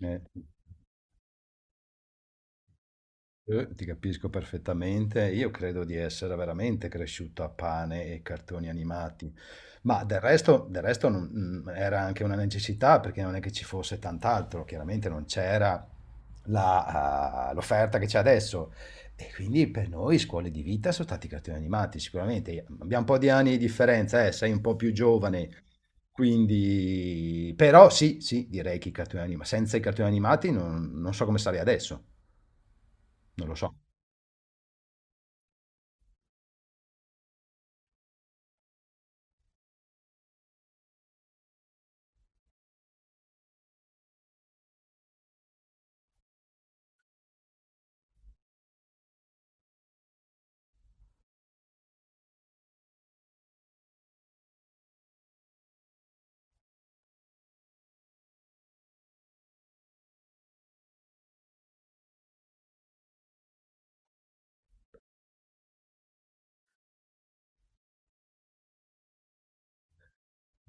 Eh, ti capisco perfettamente, io credo di essere veramente cresciuto a pane e cartoni animati, ma del resto era anche una necessità perché non è che ci fosse tant'altro, chiaramente non c'era l'offerta che c'è adesso e quindi per noi scuole di vita sono stati i cartoni animati, sicuramente abbiamo un po' di anni di differenza, sei un po' più giovane, quindi però sì, sì, direi che i cartoni animati, senza i cartoni animati non so come sarei adesso. Non lo so.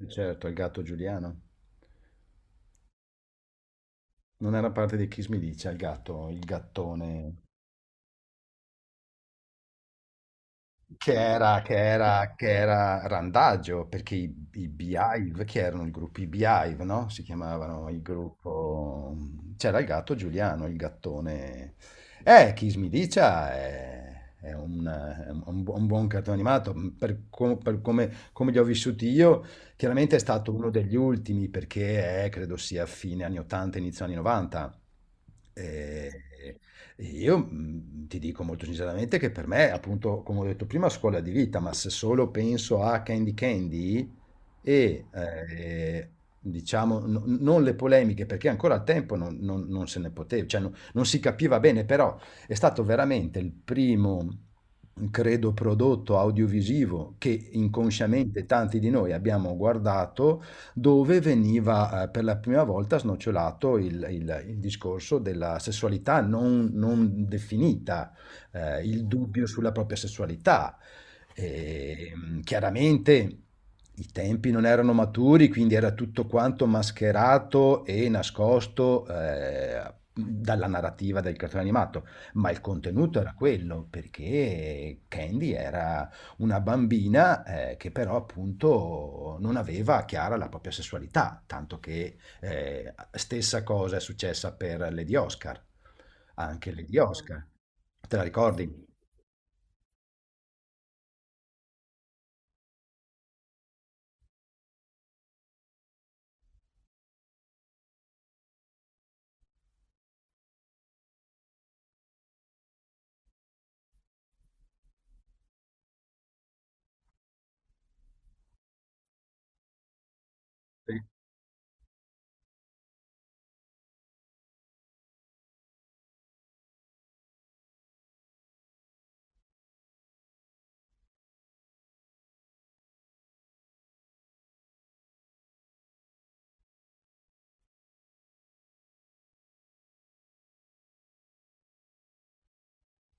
Certo, il gatto Giuliano. Non era parte di Kiss Me Dice, il gatto, il gattone. Che era randaggio, perché i Beehive, che erano il gruppo i Beehive, no? Si chiamavano il gruppo... C'era il gatto Giuliano, il gattone... Kiss Me Dicia è un bu- un buon cartone animato, per come, come li ho vissuti io, chiaramente è stato uno degli ultimi, perché è, credo sia fine anni 80, inizio anni 90. E- io ti dico molto sinceramente che per me, appunto, come ho detto prima, scuola di vita, ma se solo penso a Candy Candy e, diciamo no non le polemiche, perché ancora al tempo non non non se ne pote cioè no non si capiva bene, però è stato veramente il primo, credo, prodotto audiovisivo che inconsciamente tanti di noi abbiamo guardato dove veniva per la prima volta snocciolato il discorso della sessualità non definita, il dubbio sulla propria sessualità. Chiaramente i tempi non erano maturi, quindi era tutto quanto mascherato e nascosto dalla narrativa del cartone animato, ma il contenuto era quello, perché Candy era una bambina che però appunto non aveva chiara la propria sessualità, tanto che stessa cosa è successa per Lady Oscar, anche Lady Oscar, te la ricordi?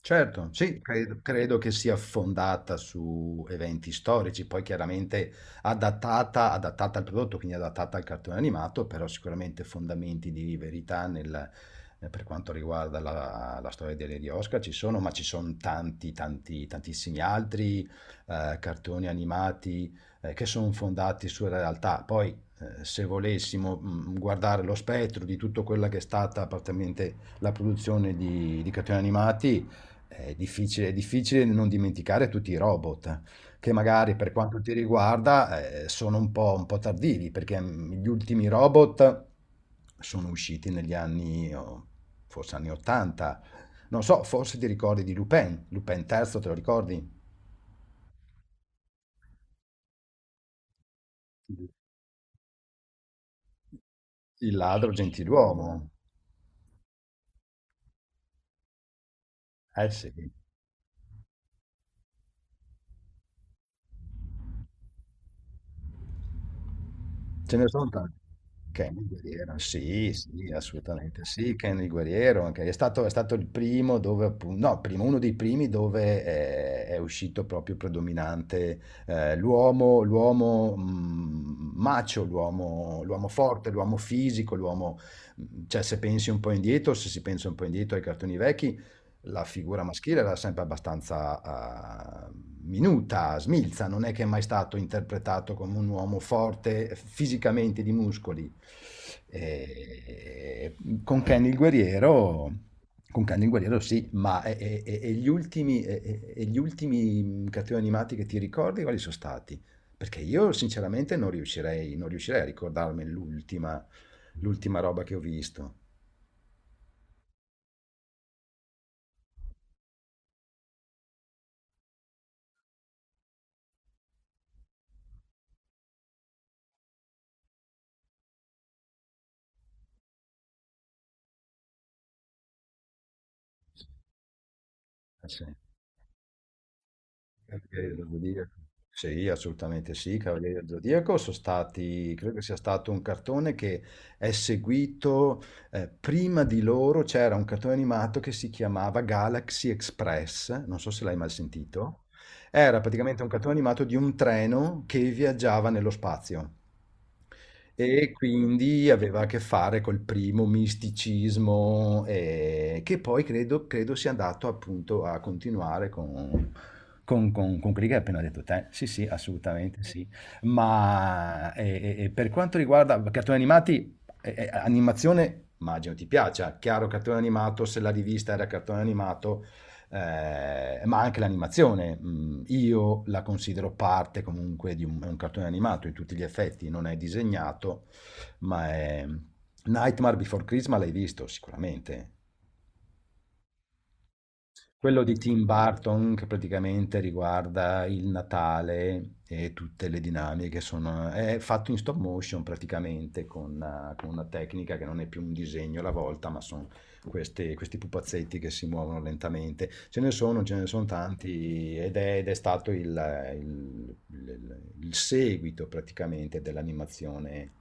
Certo, sì, credo, credo che sia fondata su eventi storici, poi chiaramente adattata al prodotto, quindi adattata al cartone animato, però sicuramente fondamenti di verità nel, per quanto riguarda la storia delle di Lady Oscar ci sono, ma ci sono tanti, tanti, tantissimi altri cartoni animati che sono fondati sulla realtà. Poi, se volessimo guardare lo spettro di tutta quella che è stata praticamente la produzione di cartoni animati, è difficile non dimenticare tutti i robot, che magari per quanto ti riguarda, sono un po' tardivi, perché, gli ultimi robot sono usciti negli anni o forse anni '80. Non so, forse ti ricordi di Lupin, Lupin III te lo ricordi? Il il ladro gentiluomo. Eh sì. Ce ne sono tanti. Kenny Guerriero, sì, sì, assolutamente sì, Kenny Guerriero, è stato il primo dove, appunto, no, primo, uno dei primi dove uscito proprio predominante l'uomo, l'uomo macio, l'uomo forte, l'uomo fisico, cioè se pensi un po' indietro, se si pensa un po' indietro ai cartoni vecchi, la figura maschile era sempre abbastanza minuta, smilza, non è che è mai stato interpretato come un uomo forte fisicamente di muscoli. E- con Ken il guerriero, con Ken il guerriero sì, ma gli ultimi, gli ultimi cattivi animati che ti ricordi quali sono stati? Perché io sinceramente non riuscirei a ricordarmi l'ultima roba che ho visto. Eh sì. Cavalieri dello Zodiaco. Sì, assolutamente sì, Cavalieri dello Zodiaco sono stati, credo che sia stato un cartone che è seguito, prima di loro c'era un cartone animato che si chiamava Galaxy Express, non so se l'hai mai sentito, era praticamente un cartone animato di un treno che viaggiava nello spazio. E quindi aveva a che fare col primo misticismo, che poi credo, credo sia andato appunto a continuare con quelli che hai appena detto te. Sì, sì, assolutamente sì. Per quanto riguarda cartoni animati, animazione, immagino ti piaccia. Chiaro, cartone animato, se la rivista era cartone animato, ma anche l'animazione. Io la considero parte comunque di un, è un cartone animato in tutti gli effetti, non è disegnato, ma è... Nightmare Before Christmas l'hai visto sicuramente. Quello di Tim Burton che praticamente riguarda il Natale e tutte le dinamiche sono, è fatto in stop motion praticamente con una tecnica che non è più un disegno alla volta, ma sono questi pupazzetti che si muovono lentamente. Ce ne sono tanti ed è stato il seguito praticamente dell'animazione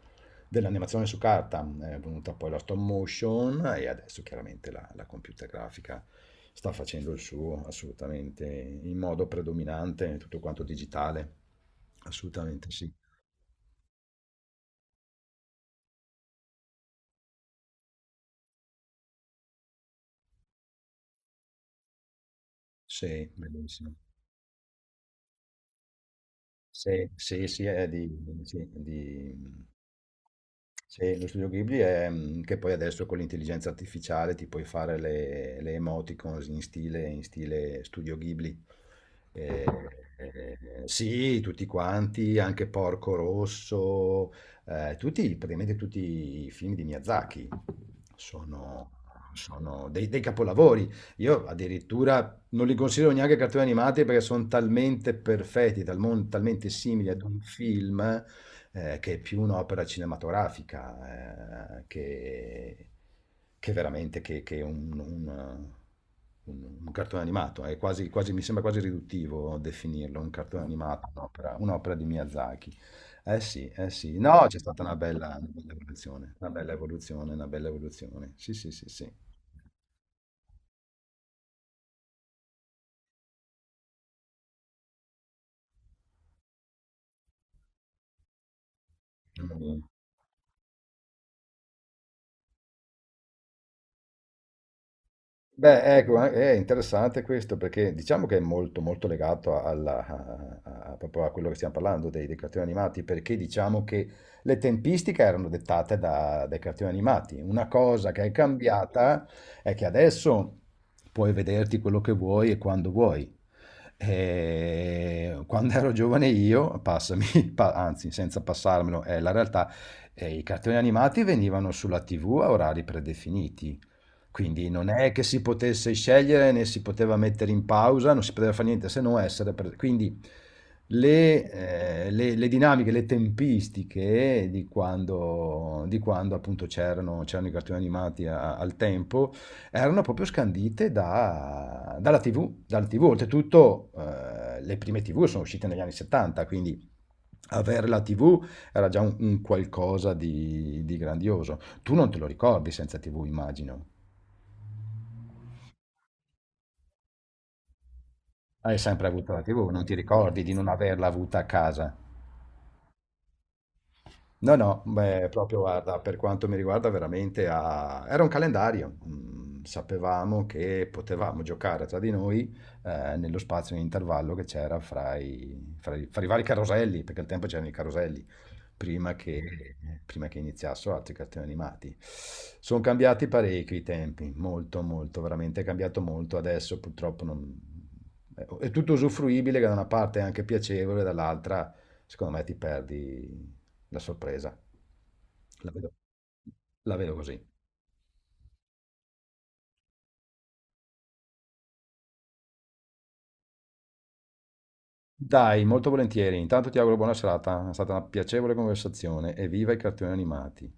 dell'animazione su carta è venuta poi la stop motion e adesso chiaramente la computer grafica sta facendo il suo assolutamente in modo predominante, tutto quanto digitale. Assolutamente sì. Sì, bellissimo. Sì, sì, sì, è di. Sì, lo studio Ghibli è che poi adesso con l'intelligenza artificiale ti puoi fare le emoticons in stile studio Ghibli. Eh, eh, sì, tutti quanti, anche Porco Rosso, tutti, praticamente tutti i film di Miyazaki sono, sono dei capolavori. Io addirittura non li considero neanche cartoni animati perché sono talmente perfetti, talmente simili ad un film che è più un'opera cinematografica che veramente che un cartone animato. Mi sembra quasi riduttivo definirlo un cartone animato, un'opera di Miyazaki. Eh sì, eh sì. No, c'è stata una bella evoluzione, una bella evoluzione. Sì, sì, sì, sì. Mm. Beh, ecco, è interessante questo perché diciamo che è molto, molto legato proprio a quello che stiamo parlando dei cartoni animati, perché diciamo che le tempistiche erano dettate dai cartoni animati. Una cosa che è cambiata è che adesso puoi vederti quello che vuoi. E quando ero giovane io, passami, anzi, senza passarmelo, è la realtà, i cartoni animati venivano sulla TV a orari predefiniti. Quindi non è che si potesse scegliere, né si poteva mettere in pausa, non si poteva fare niente se non essere Quindi le, le dinamiche, le tempistiche di quando appunto c'erano i cartoni animati al tempo erano proprio scandite dalla TV, dal TV. Oltretutto, le prime TV sono uscite negli anni 70, quindi avere la TV era già un qualcosa di grandioso. Tu non te lo ricordi senza TV, immagino. Hai sempre avuto la TV, non ti ricordi di non averla avuta a casa? No, no, beh, proprio guarda, per quanto mi riguarda veramente era un calendario. Mm, sapevamo che potevamo giocare tra di noi nello spazio in intervallo che c'era fra i fra i vari caroselli, perché al tempo c'erano i caroselli prima che, prima che iniziassero altri cartoni animati. Sono cambiati parecchio i tempi, molto, molto, veramente è cambiato molto. Adesso purtroppo è tutto usufruibile, che da una parte è anche piacevole, dall'altra secondo me ti perdi la sorpresa. La vedo, la vedo così. Dai, molto volentieri. Intanto ti auguro buona serata, è stata una piacevole conversazione e viva i cartoni animati.